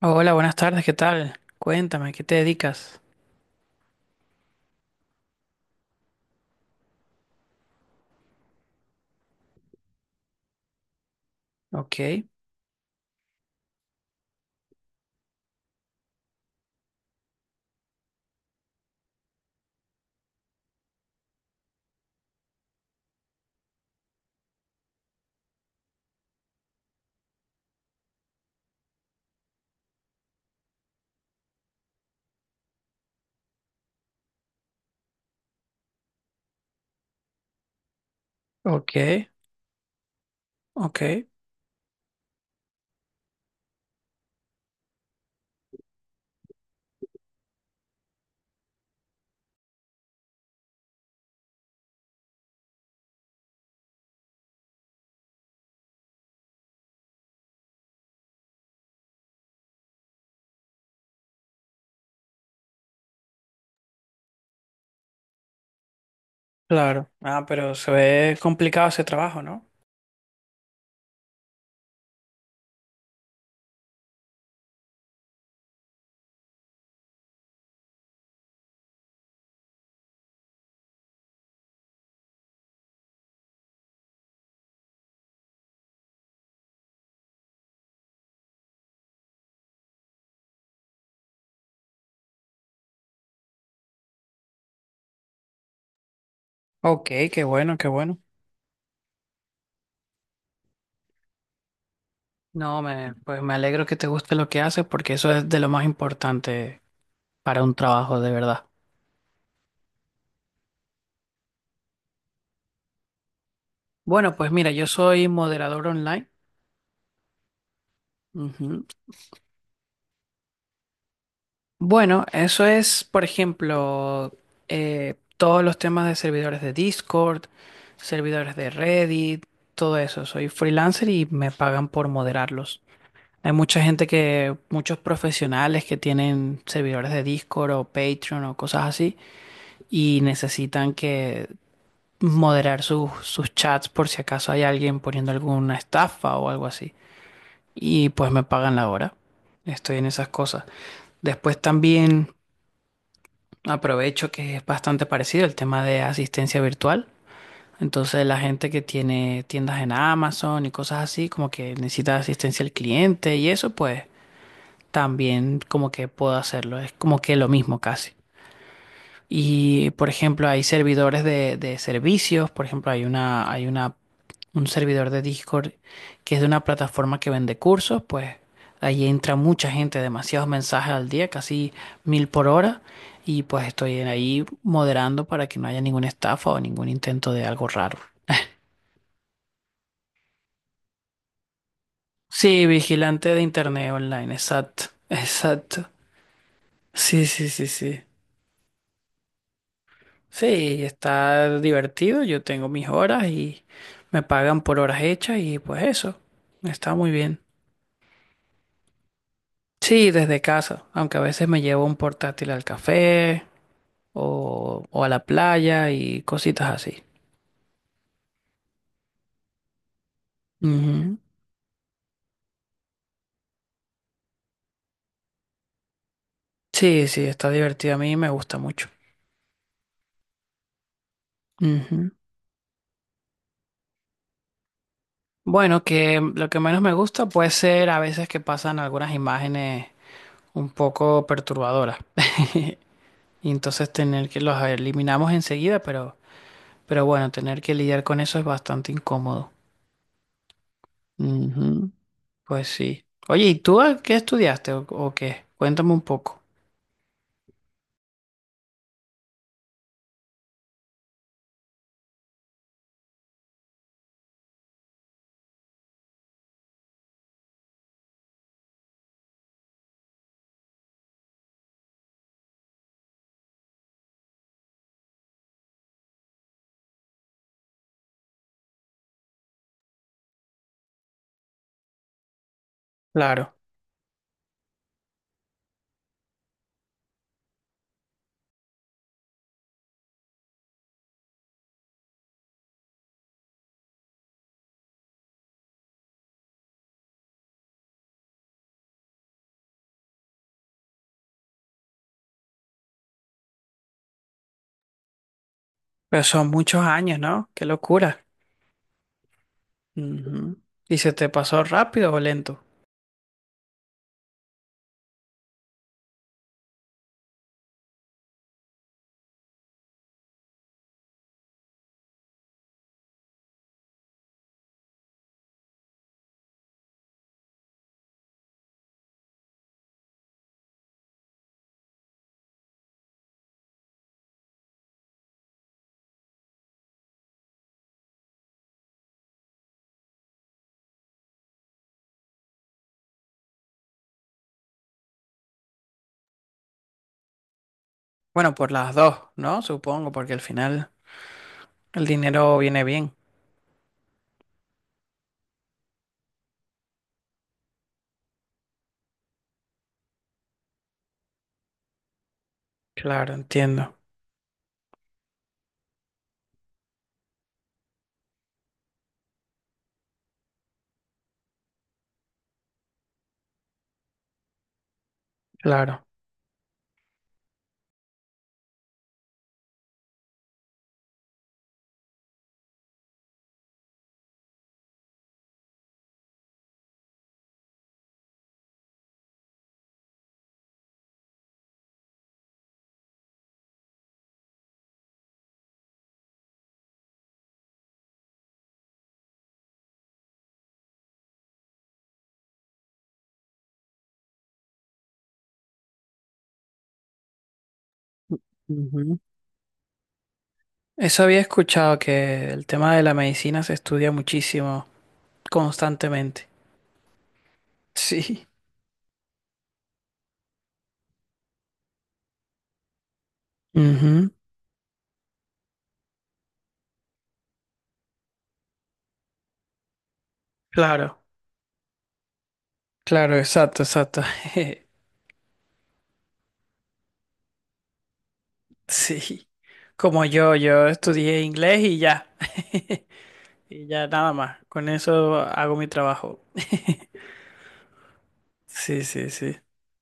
Hola, buenas tardes, ¿qué tal? Cuéntame, ¿qué te dedicas? Ok, ok, ok, claro. Ah, pero se ve complicado ese trabajo, ¿no? Ok, qué bueno, qué bueno. No, me, pues me alegro que te guste lo que haces porque eso es de lo más importante para un trabajo, de verdad. Bueno, pues mira, yo soy moderador online. Ujú. Bueno, eso es, por ejemplo, todos los temas de servidores de Discord, servidores de Reddit, todo eso. Soy freelancer y me pagan por moderarlos. Hay mucha gente que, muchos profesionales que tienen servidores de Discord o Patreon o cosas así y necesitan que moderar sus chats por si acaso hay alguien poniendo alguna estafa o algo así. Y pues me pagan la hora. Estoy en esas cosas. Después también… Aprovecho que es bastante parecido el tema de asistencia virtual. Entonces la gente que tiene tiendas en Amazon y cosas así, como que necesita asistencia al cliente y eso, pues también como que puedo hacerlo. Es como que lo mismo casi. Y por ejemplo, hay servidores de servicios. Por ejemplo, hay una un servidor de Discord que es de una plataforma que vende cursos, pues ahí entra mucha gente, demasiados mensajes al día, casi 1000 por hora, y pues estoy ahí moderando para que no haya ninguna estafa o ningún intento de algo raro. Sí, vigilante de internet online, exacto, exacto. Sí, sí, sí, sí. Sí, está divertido, yo tengo mis horas y me pagan por horas hechas y pues eso, está muy bien. Sí, desde casa, aunque a veces me llevo un portátil al café o a la playa y cositas así. Ujú. Sí, sí, está divertido a mí, me gusta mucho. Ujú. Bueno, que lo que menos me gusta puede ser a veces que pasan algunas imágenes un poco perturbadoras. Y entonces tener que los eliminamos enseguida, pero bueno, tener que lidiar con eso es bastante incómodo. Ujú. Pues sí. Oye, ¿y qué estudiaste o qué? Cuéntame un poco. Claro, pero son muchos años, ¿no? Qué locura. Ujú. ¿Y se te pasó rápido o lento? Bueno, por las dos, ¿no? Supongo, porque al final el dinero viene bien. Claro, entiendo. Claro. Ujú. Eso había escuchado que el tema de la medicina se estudia muchísimo, constantemente. Sí. Ujú. Claro, claro, exacto, exacto. Sí. Como yo estudié inglés y ya. Y ya nada más. Con eso hago mi trabajo. Sí, sí, sí.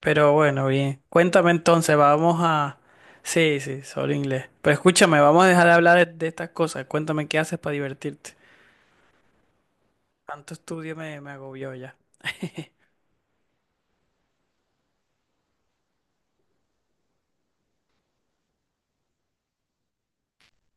Pero bueno, bien. Cuéntame entonces, vamos a… Sí, sí, solo inglés. Pero escúchame, vamos a dejar de hablar de estas cosas. Cuéntame qué haces para divertirte. Tanto estudio me, me agobió ya.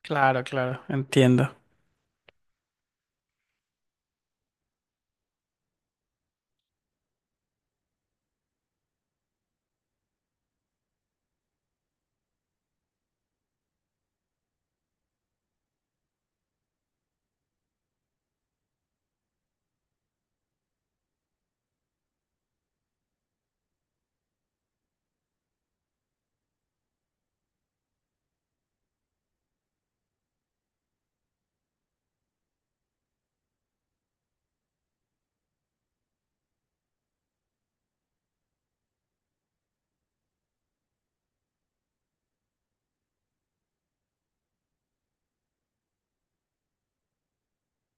Claro, claro, entiendo.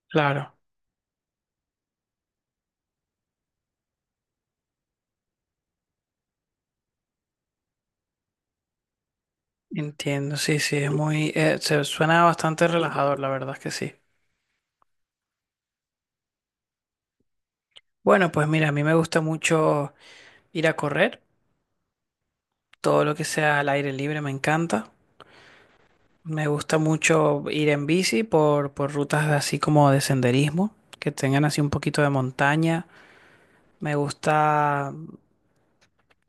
Claro, entiendo. Sí, sí, es muy… se suena bastante relajador, la verdad es que sí. Bueno, pues mira, a mí me gusta mucho ir a correr. Todo lo que sea al aire libre me encanta. Me gusta mucho ir en bici por rutas así como de senderismo, que tengan así un poquito de montaña. Me gusta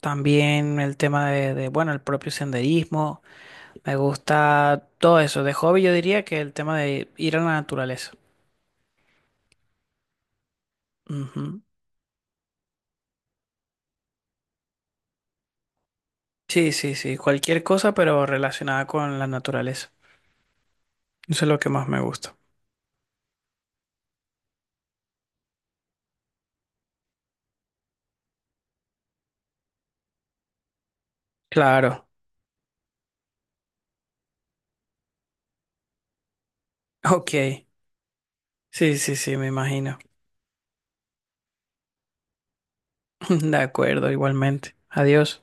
también el tema bueno, el propio senderismo. Me gusta todo eso. De hobby yo diría que el tema de ir a la naturaleza. Ujú. Sí, sí, sí. Cualquier cosa, pero relacionada con la naturaleza. Eso es lo que más me gusta. Claro. Ok. Sí, sí, sí, me imagino. De acuerdo, igualmente. Adiós.